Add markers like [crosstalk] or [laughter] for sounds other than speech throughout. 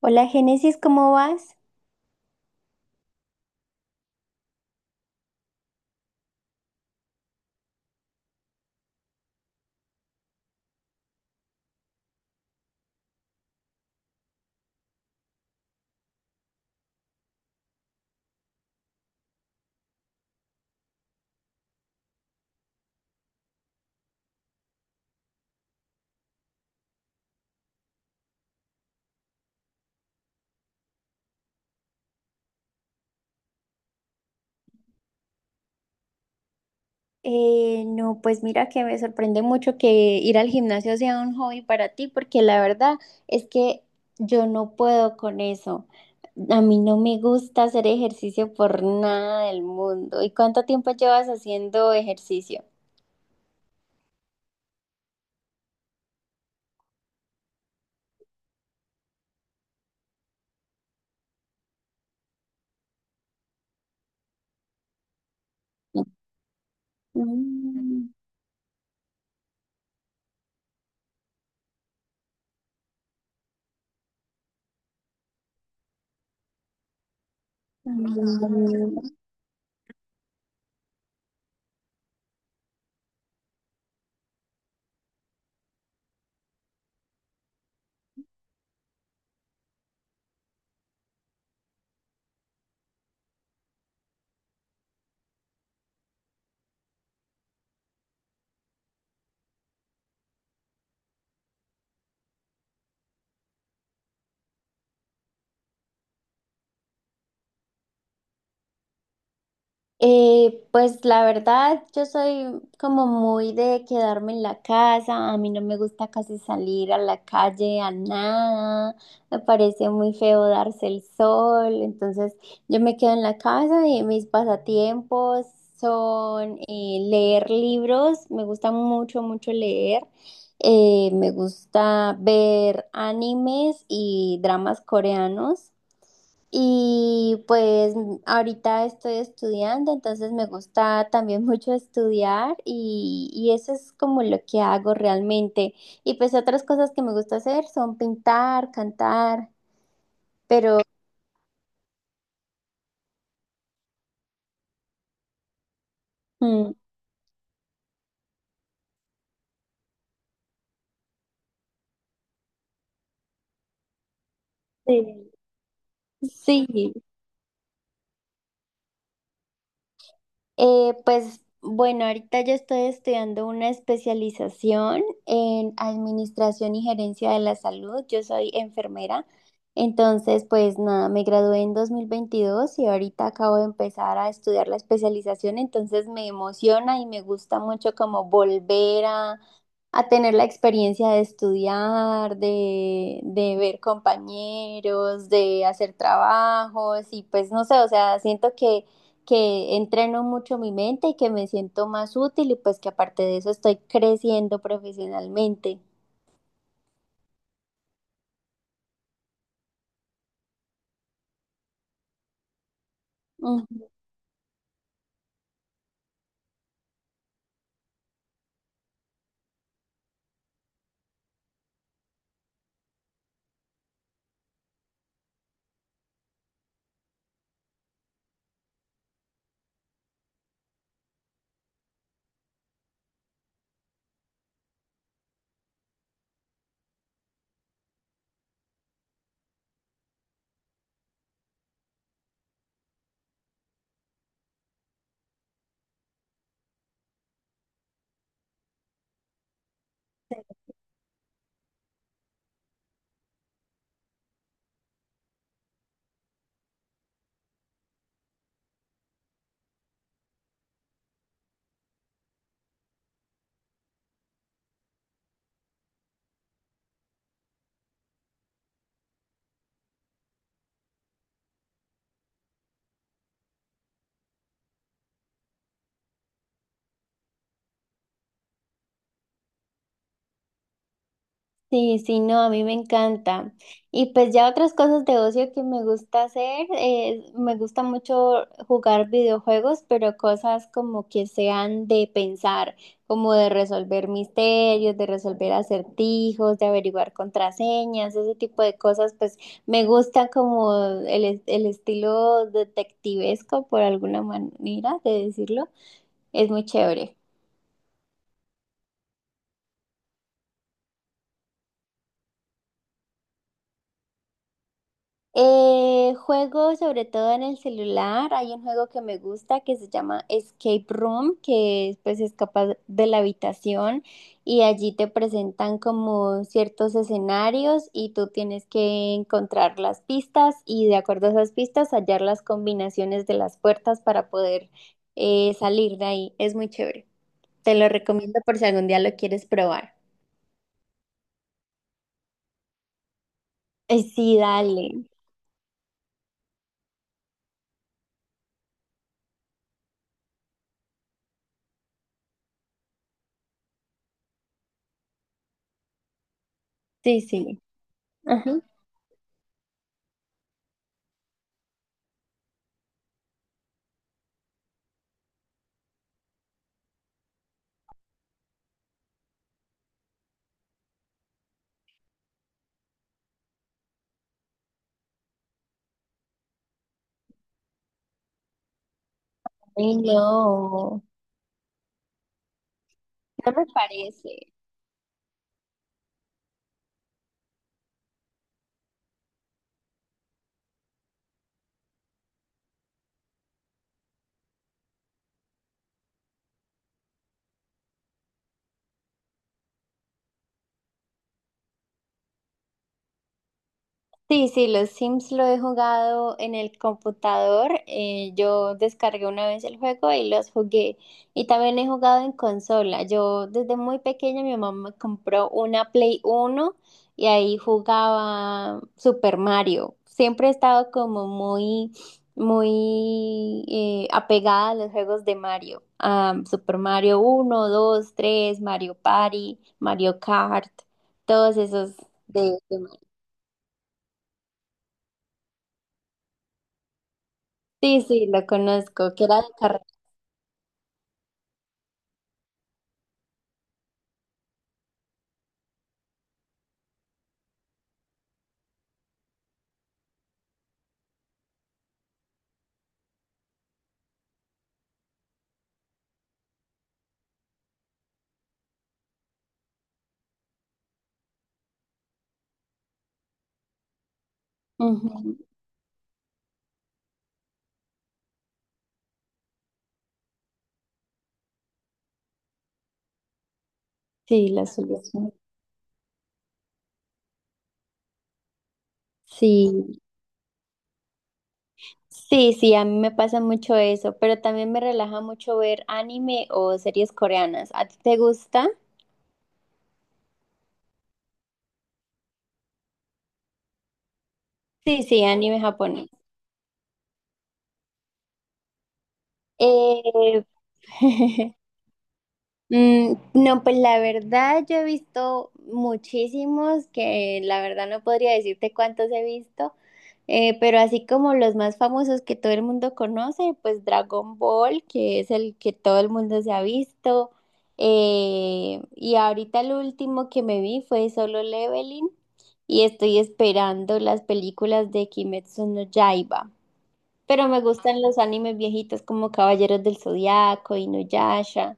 Hola Génesis, ¿cómo vas? No, pues mira que me sorprende mucho que ir al gimnasio sea un hobby para ti, porque la verdad es que yo no puedo con eso. A mí no me gusta hacer ejercicio por nada del mundo. ¿Y cuánto tiempo llevas haciendo ejercicio? Mm, mm, pues la verdad, yo soy como muy de quedarme en la casa, a mí no me gusta casi salir a la calle, a nada, me parece muy feo darse el sol, entonces yo me quedo en la casa y mis pasatiempos son leer libros, me gusta mucho, mucho leer. Me gusta ver animes y dramas coreanos. Y pues ahorita estoy estudiando, entonces me gusta también [laughs] mucho estudiar y eso es como lo que hago realmente. Y pues otras cosas que me gusta hacer son pintar, cantar, pero mm, sí, sí. Pues bueno, ahorita yo estoy estudiando una especialización en administración y gerencia de la salud. Yo soy enfermera, entonces pues nada, me gradué en 2022 y ahorita acabo de empezar a estudiar la especialización, entonces me emociona y me gusta mucho como volver a tener la experiencia de estudiar, de ver compañeros, de hacer trabajos y pues no sé, o sea, siento que entreno mucho mi mente y que me siento más útil y pues que aparte de eso estoy creciendo profesionalmente. Mm. Sí, sí, no, a mí me encanta. Y pues ya otras cosas de ocio que me gusta hacer, me gusta mucho jugar videojuegos, pero cosas como que sean de pensar, como de resolver misterios, de resolver acertijos, de averiguar contraseñas, ese tipo de cosas, pues me gusta como el estilo detectivesco, por alguna manera de decirlo, es muy chévere. Juego sobre todo en el celular. Hay un juego que me gusta que se llama Escape Room, que pues escapas de la habitación y allí te presentan como ciertos escenarios y tú tienes que encontrar las pistas y de acuerdo a esas pistas hallar las combinaciones de las puertas para poder salir de ahí. Es muy chévere. Te lo recomiendo por si algún día lo quieres probar. Sí, dale. Sí, sí. Ajá. Ay, no. No me parece. Sí, sí, los Sims lo he jugado en el computador. Yo descargué una vez el juego y los jugué. Y también he jugado en consola. Yo desde muy pequeña mi mamá me compró una Play Uno y ahí jugaba Super Mario. Siempre he estado como muy, muy apegada a los juegos de Mario. A Super Mario 1, 2, 3, Mario Party, Mario Kart, todos esos de... Sí, sí, lo conozco, que era de carrera. Ujú. Sí, la solución. Sí, sí, sí, a mí me pasa mucho eso, pero también me relaja mucho ver anime o series coreanas. ¿A ti te gusta? Sí, sí, anime japonés. Eh, [laughs] no, pues la verdad yo he visto muchísimos que la verdad no podría decirte cuántos he visto. Pero así como los más famosos que todo el mundo conoce, pues Dragon Ball, que es el que todo el mundo se ha visto. Y ahorita el último que me vi fue Solo Leveling y estoy esperando las películas de Kimetsu no Yaiba. Pero me gustan los animes viejitos como Caballeros del Zodiaco, Inuyasha.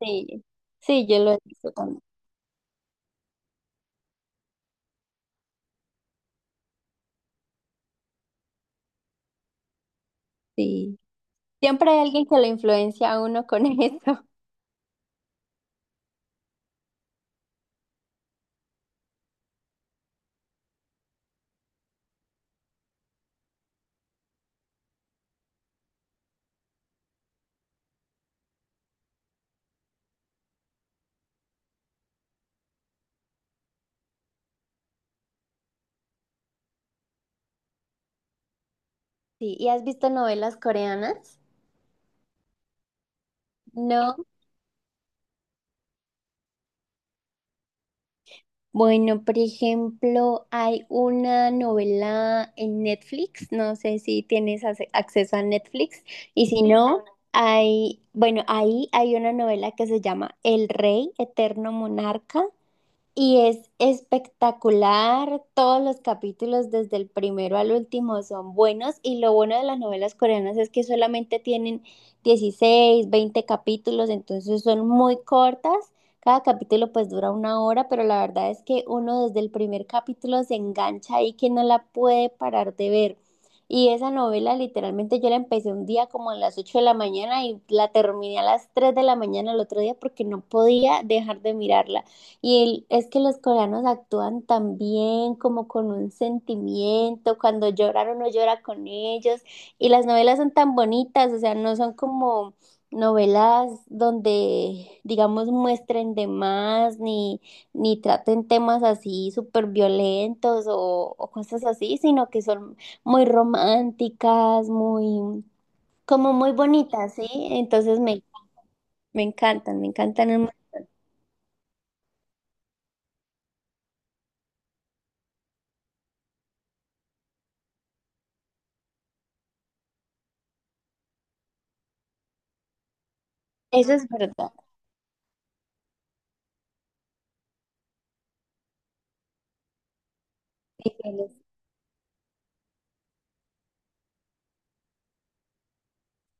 Sí, sí, yo lo he visto también. Sí. Siempre hay alguien que lo influencia a uno con [laughs] eso. Sí, ¿y has visto novelas coreanas? No. Bueno, por ejemplo, hay una novela en Netflix, no sé si tienes acceso a Netflix, y si sí, no, claro. Hay, bueno, ahí hay una novela que se llama El Rey Eterno Monarca, y es espectacular, todos los capítulos desde el primero al último son buenos y lo bueno de las novelas coreanas es que solamente tienen 16 20 capítulos, entonces son muy cortas, cada capítulo pues dura una hora, pero la verdad es que uno desde el primer capítulo se engancha ahí que no la puede parar de ver. Y esa novela literalmente yo la empecé un día como a las 8 de la mañana y la terminé a las 3 de la mañana el otro día porque no podía dejar de mirarla. Y es que los coreanos actúan tan bien, como con un sentimiento, cuando lloran uno llora con ellos, y las novelas son tan bonitas, o sea, no son como novelas donde, digamos, muestren de más, ni traten temas así súper violentos o cosas así, sino que son muy románticas, muy, como muy bonitas, ¿sí? Entonces me encantan montón. Eso es verdad.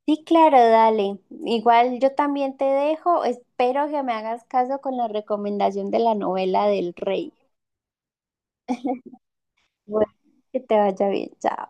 Sí, claro, dale. Igual yo también te dejo. Espero que me hagas caso con la recomendación de la novela del rey. [laughs] Bueno, que te vaya bien. Chao.